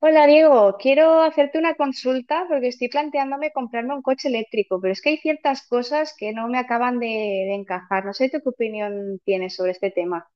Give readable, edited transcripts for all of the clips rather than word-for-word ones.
Hola Diego, quiero hacerte una consulta porque estoy planteándome comprarme un coche eléctrico, pero es que hay ciertas cosas que no me acaban de encajar. No sé tú qué opinión tienes sobre este tema.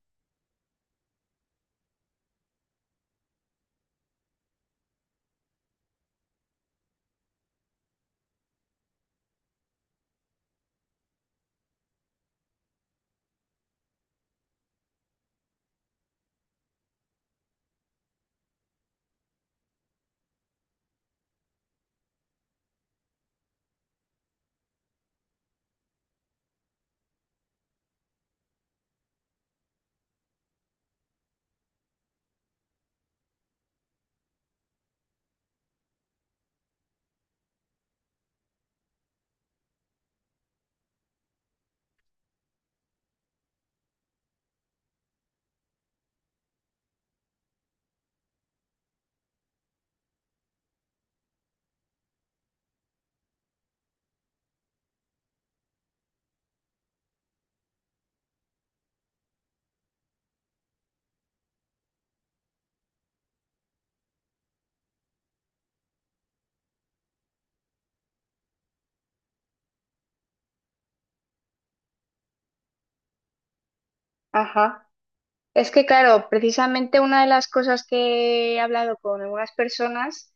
Ajá. Es que claro, precisamente una de las cosas que he hablado con algunas personas,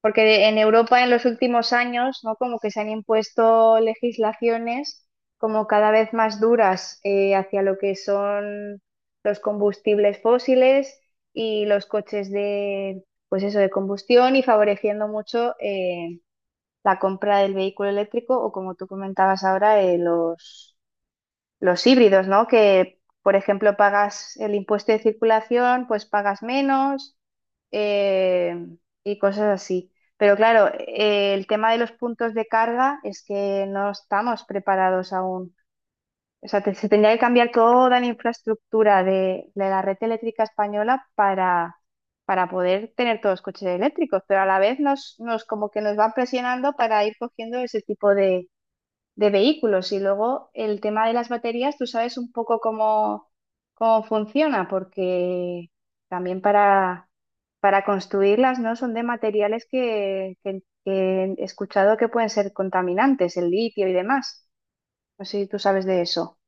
porque en Europa en los últimos años, ¿no? Como que se han impuesto legislaciones como cada vez más duras hacia lo que son los combustibles fósiles y los coches de, pues eso, de combustión y favoreciendo mucho, la compra del vehículo eléctrico o como tú comentabas ahora, los híbridos, ¿no? Que, por ejemplo, pagas el impuesto de circulación, pues pagas menos, eh, y cosas así. Pero claro, el tema de los puntos de carga es que no estamos preparados aún. O sea, se tendría que cambiar toda la infraestructura de la red eléctrica española para poder tener todos los coches eléctricos, pero a la vez nos como que nos van presionando para ir cogiendo ese tipo de vehículos. Y luego el tema de las baterías, tú sabes un poco cómo, cómo funciona, porque también para construirlas, ¿no? Son de materiales que he escuchado que pueden ser contaminantes, el litio y demás. No sé si tú sabes de eso.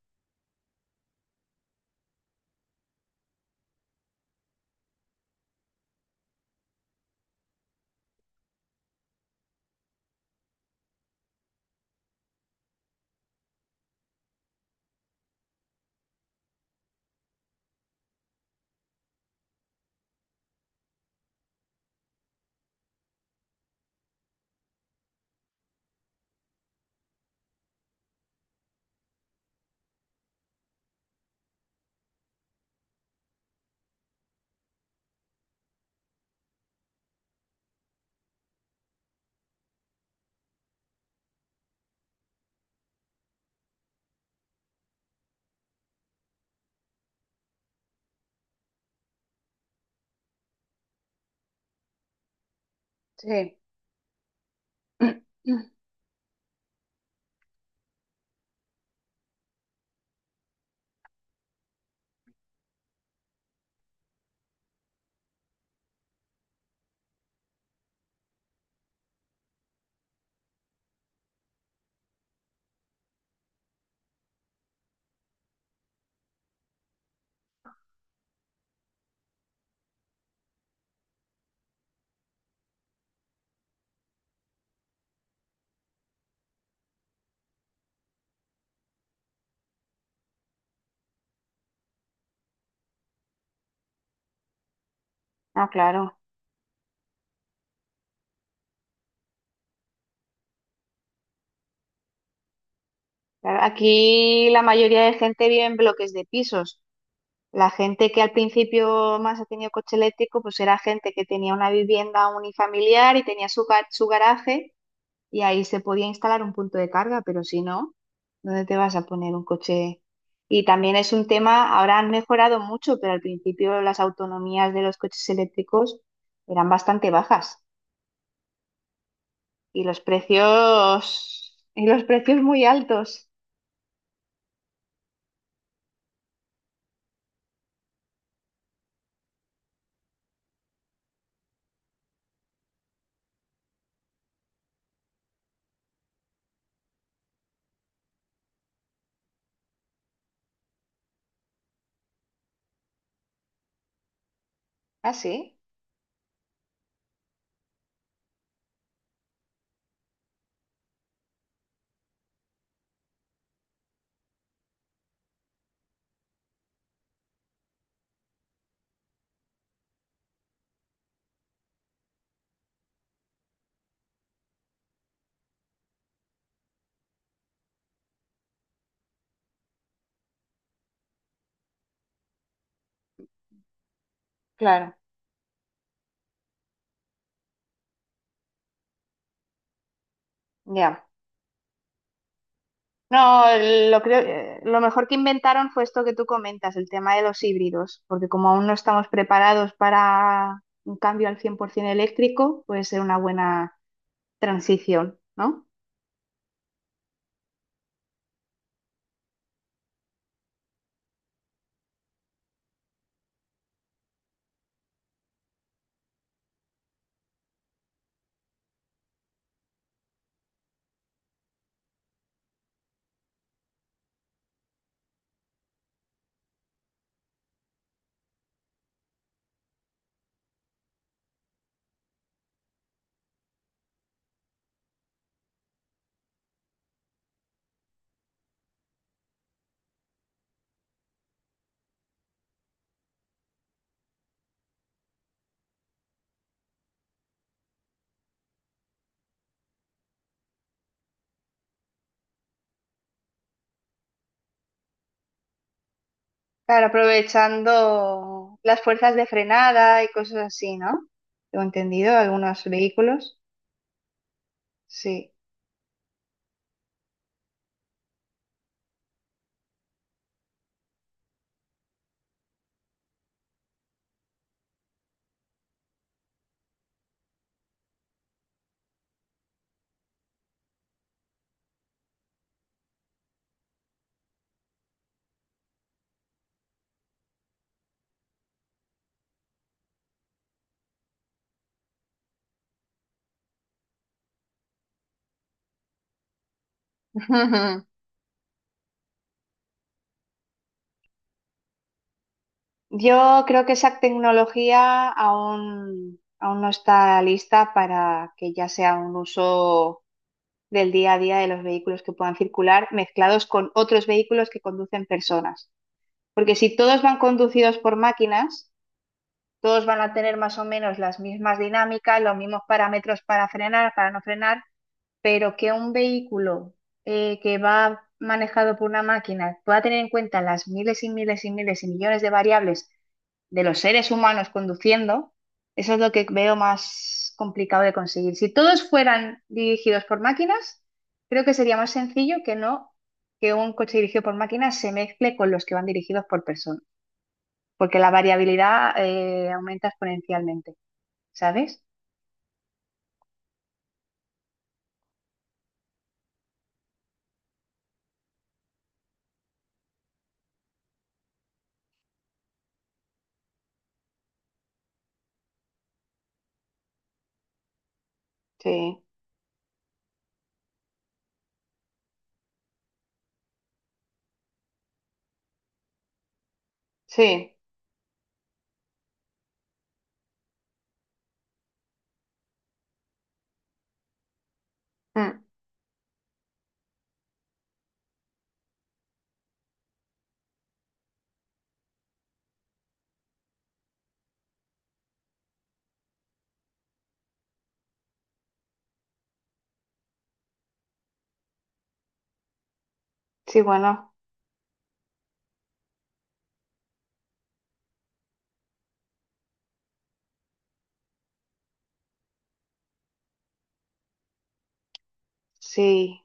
Sí. Ah, claro. Claro, aquí la mayoría de gente vive en bloques de pisos. La gente que al principio más ha tenido coche eléctrico, pues era gente que tenía una vivienda unifamiliar y tenía su, su garaje y ahí se podía instalar un punto de carga, pero si no, ¿dónde te vas a poner un coche? Y también es un tema, ahora han mejorado mucho, pero al principio las autonomías de los coches eléctricos eran bastante bajas y los precios muy altos. Ah, sí, claro, ya. No, lo creo, lo mejor que inventaron fue esto que tú comentas, el tema de los híbridos, porque como aún no estamos preparados para un cambio al 100% eléctrico, puede ser una buena transición, ¿no? Claro, aprovechando las fuerzas de frenada y cosas así, ¿no? Tengo entendido, algunos vehículos, sí. Yo creo que esa tecnología aún no está lista para que ya sea un uso del día a día de los vehículos que puedan circular mezclados con otros vehículos que conducen personas. Porque si todos van conducidos por máquinas, todos van a tener más o menos las mismas dinámicas, los mismos parámetros para frenar, para no frenar, pero que un vehículo que va manejado por una máquina pueda tener en cuenta las miles y miles y miles y millones de variables de los seres humanos conduciendo, eso es lo que veo más complicado de conseguir. Si todos fueran dirigidos por máquinas, creo que sería más sencillo que no que un coche dirigido por máquinas se mezcle con los que van dirigidos por personas, porque la variabilidad aumenta exponencialmente, ¿sabes? Sí, sí, mm, sí, bueno, sí.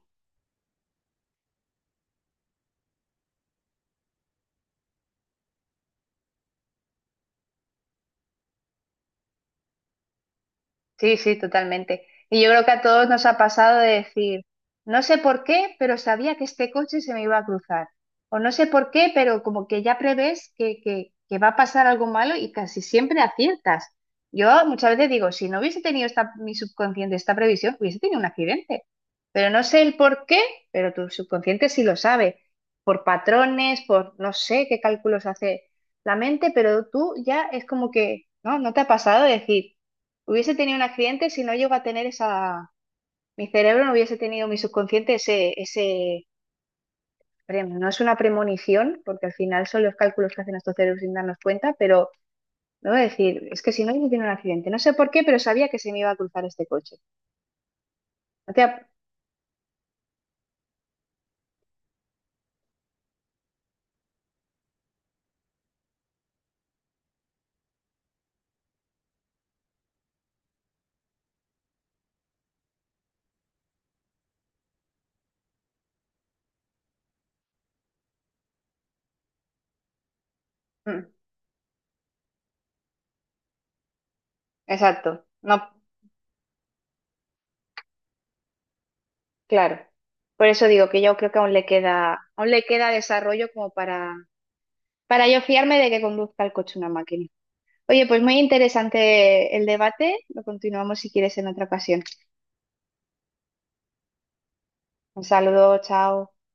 Sí, sí, totalmente. Y yo creo que a todos nos ha pasado de decir, no sé por qué, pero sabía que este coche se me iba a cruzar. O no sé por qué, pero como que ya prevés que va a pasar algo malo y casi siempre aciertas. Yo muchas veces digo, si no hubiese tenido esta, mi subconsciente esta previsión, hubiese tenido un accidente. Pero no sé el por qué, pero tu subconsciente sí lo sabe. Por patrones, por no sé qué cálculos hace la mente, pero tú ya es como que, ¿no? ¿No te ha pasado de decir? Hubiese tenido un accidente si no llego a tener esa... Mi cerebro no hubiese tenido mi subconsciente ese... rem. No es una premonición, porque al final son los cálculos que hacen nuestros cerebros sin darnos cuenta, pero no voy a decir, es que si no hubiese tenido un accidente, no sé por qué, pero sabía que se me iba a cruzar este coche. No te ha- Mm, exacto, no, claro. Por eso digo que yo creo que aún le queda desarrollo como para yo fiarme de que conduzca el coche una máquina. Oye, pues muy interesante el debate. Lo continuamos si quieres en otra ocasión. Un saludo, chao.